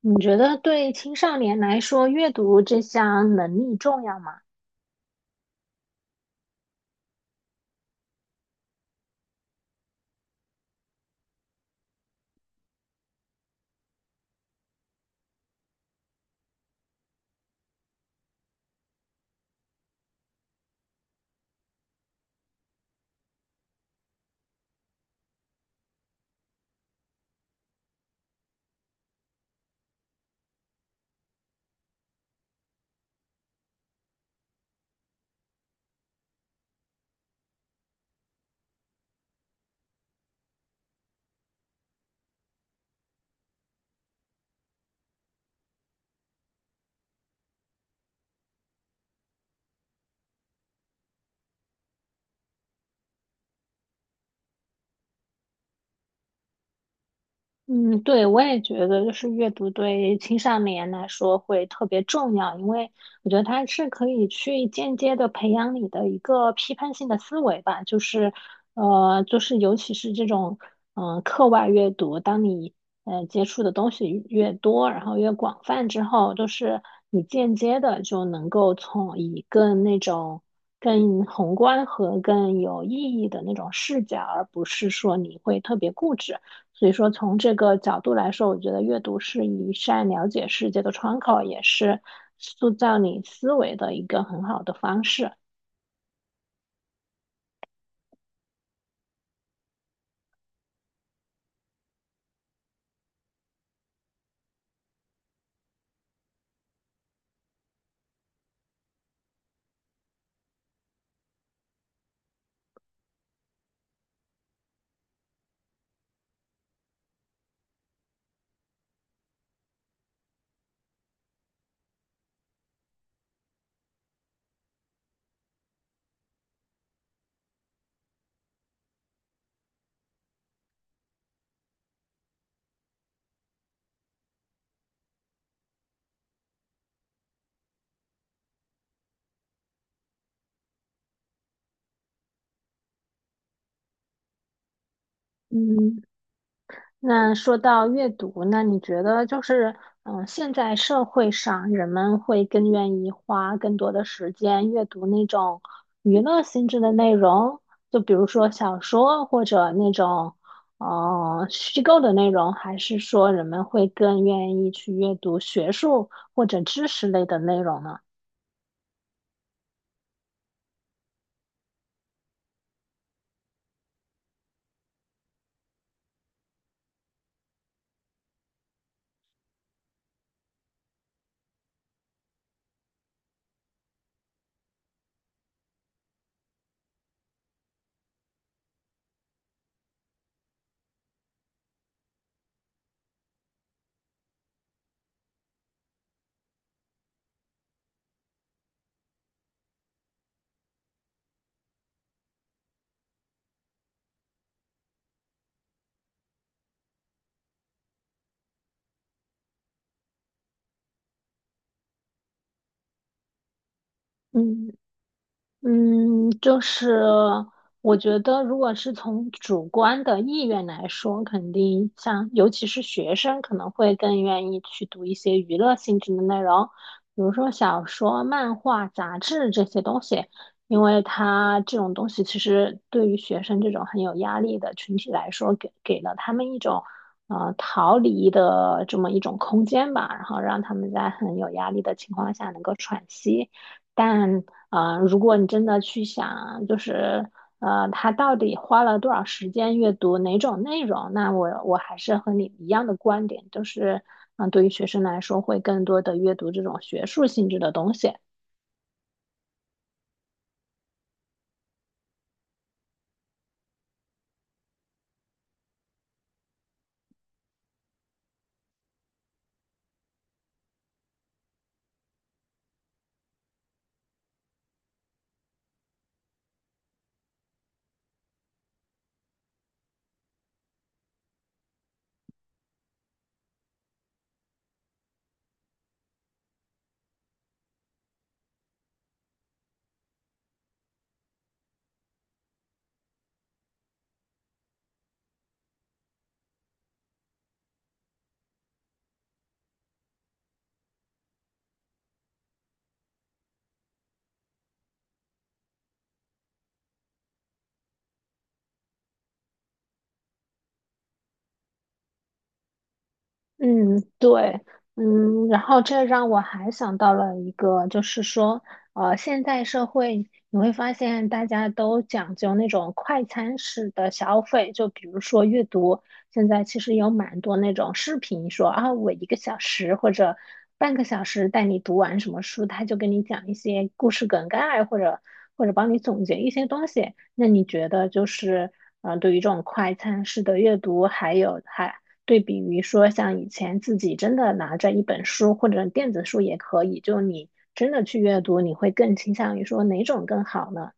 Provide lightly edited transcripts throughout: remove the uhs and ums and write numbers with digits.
你觉得对青少年来说，阅读这项能力重要吗？嗯，对，我也觉得，就是阅读对青少年来说会特别重要，因为我觉得它是可以去间接的培养你的一个批判性的思维吧，就是尤其是这种，嗯、课外阅读，当你接触的东西越多，然后越广泛之后，就是你间接的就能够从以更那种更宏观和更有意义的那种视角，而不是说你会特别固执。所以说，从这个角度来说，我觉得阅读是一扇了解世界的窗口，也是塑造你思维的一个很好的方式。嗯。那说到阅读，那你觉得就是，嗯，现在社会上人们会更愿意花更多的时间阅读那种娱乐性质的内容，就比如说小说或者那种，呃，虚构的内容，还是说人们会更愿意去阅读学术或者知识类的内容呢？嗯。嗯，就是我觉得，如果是从主观的意愿来说，肯定像尤其是学生，可能会更愿意去读一些娱乐性质的内容，比如说小说、漫画、杂志这些东西，因为它这种东西其实对于学生这种很有压力的群体来说，给了他们一种逃离的这么一种空间吧，然后让他们在很有压力的情况下能够喘息。但如果你真的去想，他到底花了多少时间阅读哪种内容，那我还是和你一样的观点，就是对于学生来说，会更多的阅读这种学术性质的东西。嗯，对，嗯，然后这让我还想到了一个，就是说，呃，现代社会你会发现大家都讲究那种快餐式的消费，就比如说阅读，现在其实有蛮多那种视频说啊，我一个小时或者半个小时带你读完什么书，他就跟你讲一些故事梗概，或者帮你总结一些东西。那你觉得就是，呃，对于这种快餐式的阅读，还有还对比于说，像以前自己真的拿着一本书或者电子书也可以，就你真的去阅读，你会更倾向于说哪种更好呢？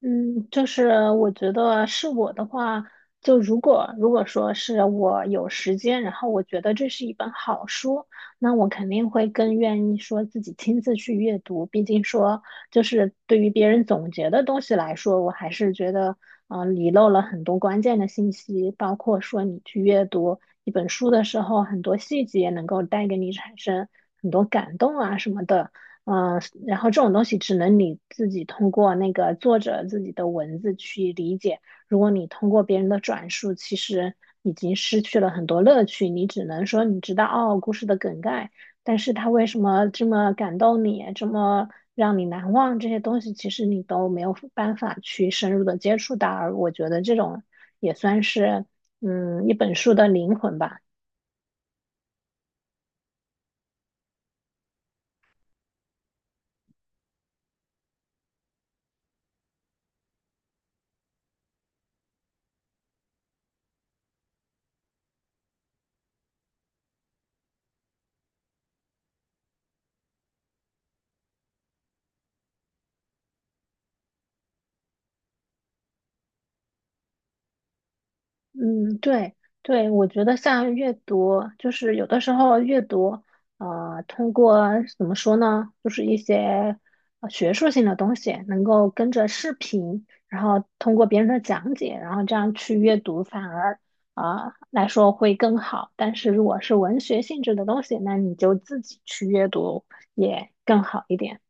嗯，就是我觉得是我的话，就如果说是我有时间，然后我觉得这是一本好书，那我肯定会更愿意说自己亲自去阅读。毕竟说，就是对于别人总结的东西来说，我还是觉得，遗漏了很多关键的信息，包括说你去阅读一本书的时候，很多细节能够带给你产生很多感动啊什么的。嗯、呃然后这种东西只能你自己通过那个作者自己的文字去理解。如果你通过别人的转述，其实已经失去了很多乐趣。你只能说你知道哦故事的梗概，但是他为什么这么感动你，这么让你难忘这些东西，其实你都没有办法去深入的接触到。而我觉得这种也算是一本书的灵魂吧。嗯，对对，我觉得像阅读，就是有的时候阅读，通过怎么说呢，就是一些学术性的东西，能够跟着视频，然后通过别人的讲解，然后这样去阅读，反而来说会更好。但是如果是文学性质的东西，那你就自己去阅读也更好一点。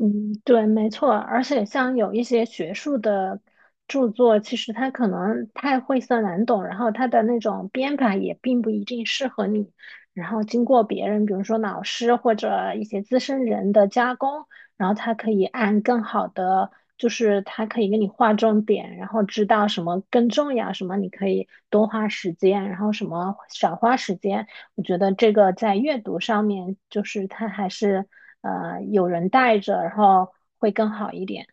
嗯，对，没错，而且像有一些学术的著作，其实它可能太晦涩难懂，然后它的那种编排也并不一定适合你。然后经过别人，比如说老师或者一些资深人的加工，然后它可以按更好的，就是它可以给你划重点，然后知道什么更重要，什么你可以多花时间，然后什么少花时间。我觉得这个在阅读上面，就是它还是有人带着，然后会更好一点。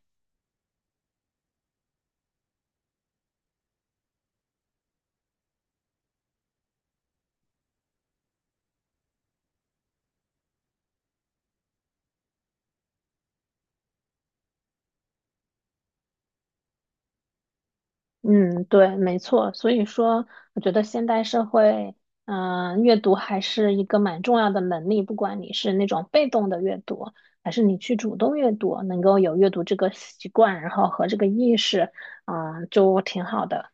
嗯，对，没错。所以说，我觉得现代社会，阅读还是一个蛮重要的能力。不管你是那种被动的阅读，还是你去主动阅读，能够有阅读这个习惯，然后和这个意识，就挺好的。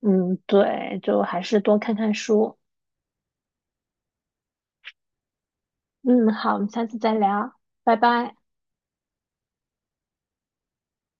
嗯，对，就还是多看看书。嗯，好，我们下次再聊，拜拜。